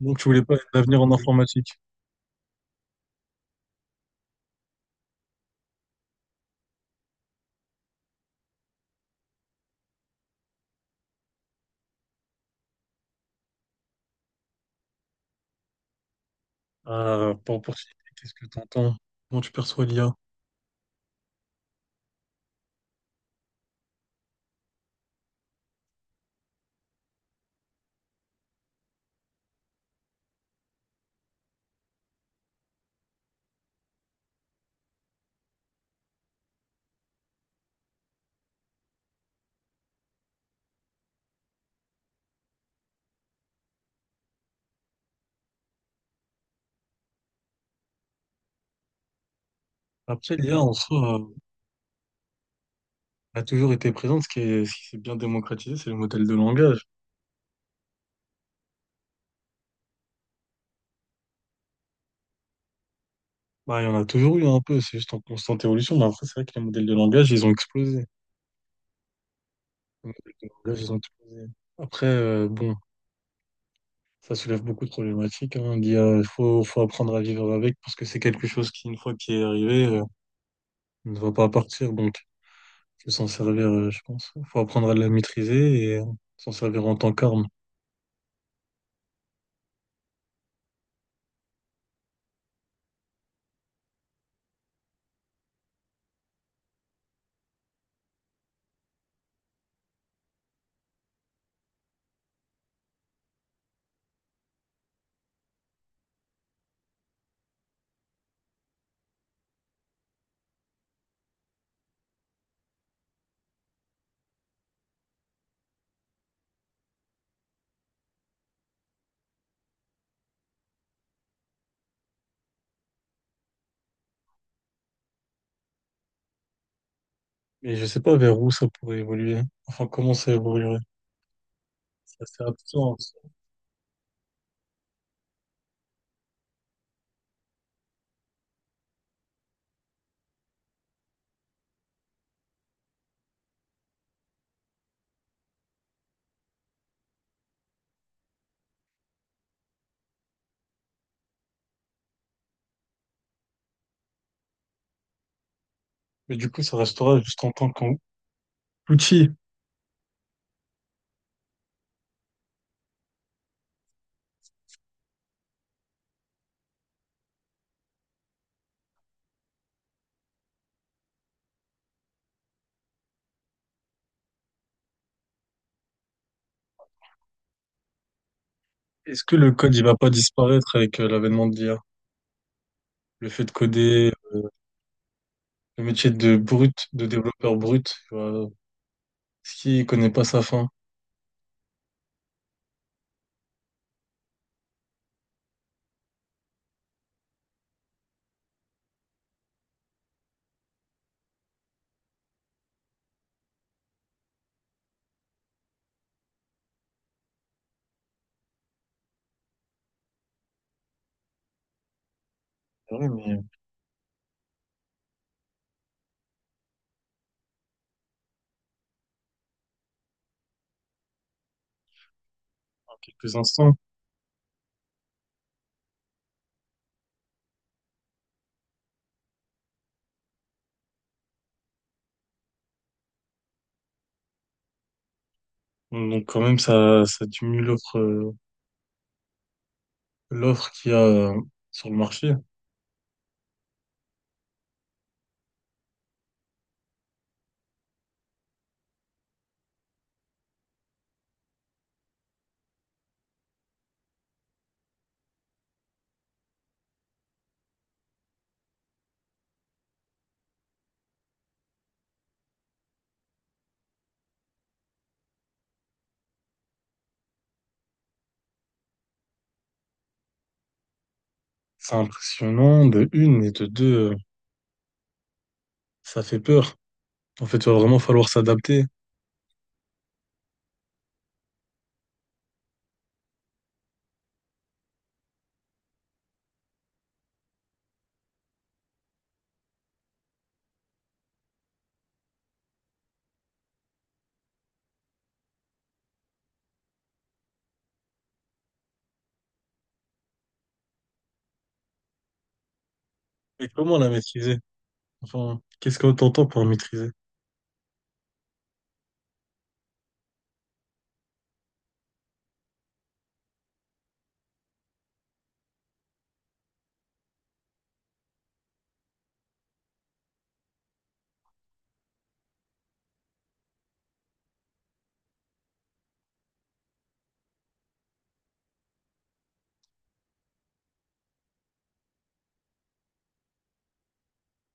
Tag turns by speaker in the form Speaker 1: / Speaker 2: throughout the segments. Speaker 1: Donc, tu voulais pas un avenir en informatique. Par opportunité, qu'est-ce que tu entends? Comment tu perçois l'IA? Après, l'IA en soi a toujours été présente. Ce qui est, ce qui s'est bien démocratisé, c'est le modèle de langage. Bah, il y en a toujours eu un peu, c'est juste en constante évolution. Mais après, c'est vrai que les modèles de langage, ils ont explosé. Les modèles de langage, ils ont explosé. Après, bon, ça soulève beaucoup de problématiques, hein. L'IA, il faut apprendre à vivre avec parce que c'est quelque chose qui, une fois qui est arrivé, ne va pas partir. Donc, que s'en servir, je pense. Il faut apprendre à la maîtriser et s'en servir en tant qu'arme. Mais je sais pas vers où ça pourrait évoluer. Enfin, comment ça évoluerait? C'est assez absent. Mais du coup, ça restera juste en tant qu'outil. Est-ce que le code, il va pas disparaître avec l'avènement de l'IA? Le fait de coder, le métier de développeur brut, tu vois, qui connaît pas sa fin? C'est mais en quelques instants. Donc, quand même, ça diminue l'offre, l'offre qu'il y a sur le marché. C'est impressionnant de une et de deux. Ça fait peur. En fait, il va vraiment falloir s'adapter. Mais comment la maîtriser? Enfin, qu'est-ce que t'entends par maîtriser?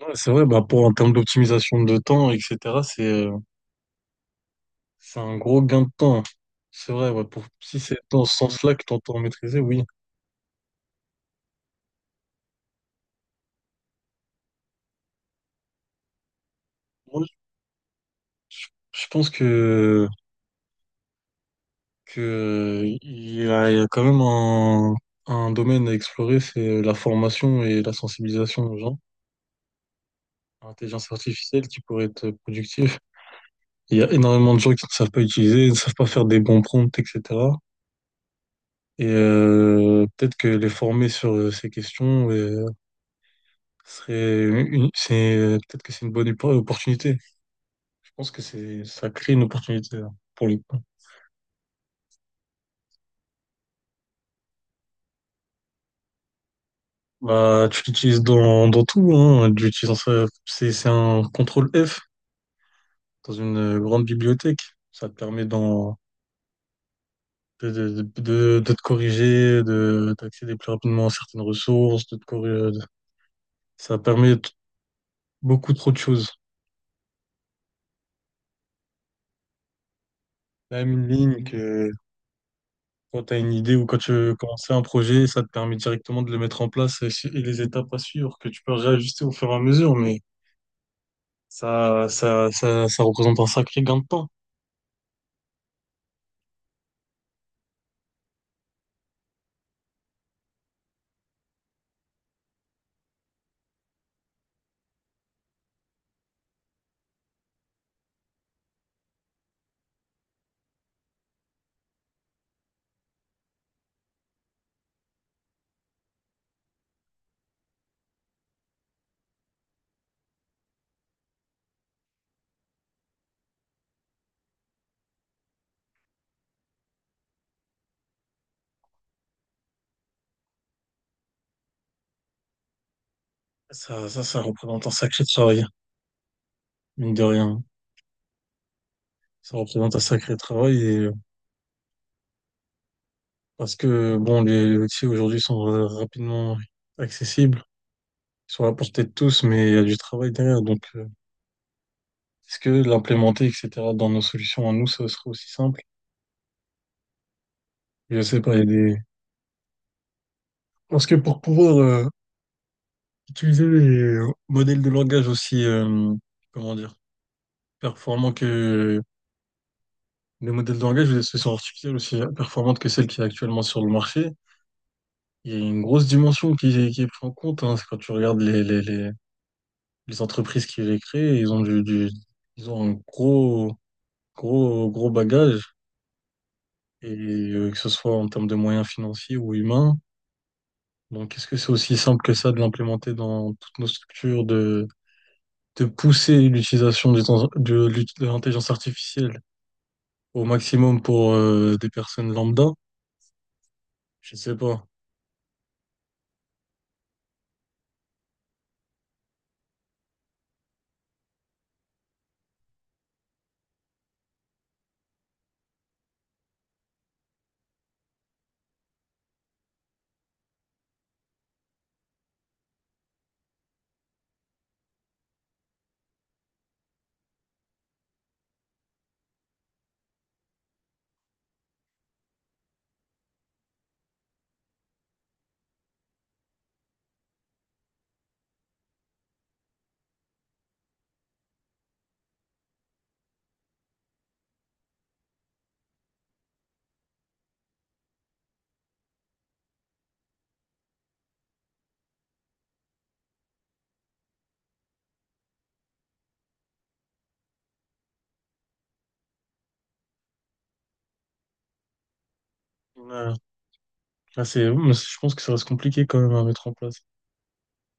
Speaker 1: Ouais, c'est vrai, bah pour en termes d'optimisation de temps, etc., c'est euh, c'est un gros gain de temps. C'est vrai, ouais, pour, si c'est dans ce sens-là que t'entends maîtriser, oui. Moi, je pense que, il y a quand même un domaine à explorer, c'est la formation et la sensibilisation aux gens. L'intelligence artificielle qui pourrait être productive. Il y a énormément de gens qui ne savent pas utiliser, ne savent pas faire des bons prompts, etc. Et peut-être que les former sur ces questions serait une, c'est peut-être que c'est une bonne opportunité. Je pense que c'est ça crée une opportunité là, pour le coup. Bah, tu l'utilises dans, dans tout, hein. Tu l'utilises dans ça. C'est un contrôle F dans une grande bibliothèque. Ça te permet de, de te corriger, de, d'accéder plus rapidement à certaines ressources, de te corriger, ça permet t- beaucoup trop de choses. Même une ligne que quand tu as une idée ou quand tu commences un projet, ça te permet directement de le mettre en place et, et les étapes à suivre que tu peux réajuster au fur et à mesure, mais ça représente un sacré gain de temps. Ça représente un sacré travail, mine de rien. Ça représente un sacré travail. Parce que bon, les outils aujourd'hui sont rapidement accessibles, ils sont à la portée de tous, mais il y a du travail derrière. Donc, est-ce que l'implémenter, etc., dans nos solutions à nous, ça serait aussi simple? Je sais pas, il y a des... Parce que pour pouvoir utiliser les modèles de langage aussi, comment dire, performants que les modèles de langage ou les solutions artificielles aussi performantes que celles qui est actuellement sur le marché, il y a une grosse dimension qui est prise en compte, hein. C'est quand tu regardes les, les entreprises qui les créent, ils ont un gros, gros bagage, et que ce soit en termes de moyens financiers ou humains. Donc, est-ce que c'est aussi simple que ça de l'implémenter dans toutes nos structures, de pousser l'utilisation des en- de, l'ut- de l'intelligence artificielle au maximum pour des personnes lambda? Je sais pas. Ouais. Là, c'est, je pense que ça reste compliqué quand même à mettre en place.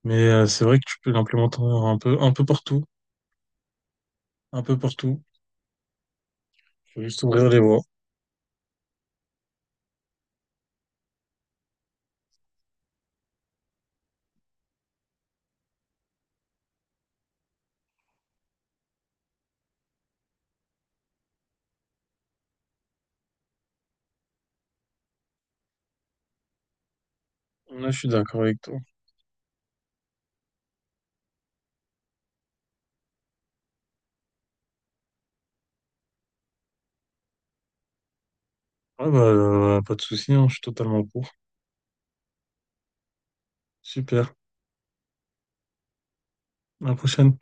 Speaker 1: Mais c'est vrai que tu peux l'implémenter un peu partout, un peu partout. Faut juste ouvrir les voies. Là, je suis d'accord avec toi. Ah bah, pas de souci, hein, je suis totalement pour. Super, à la prochaine.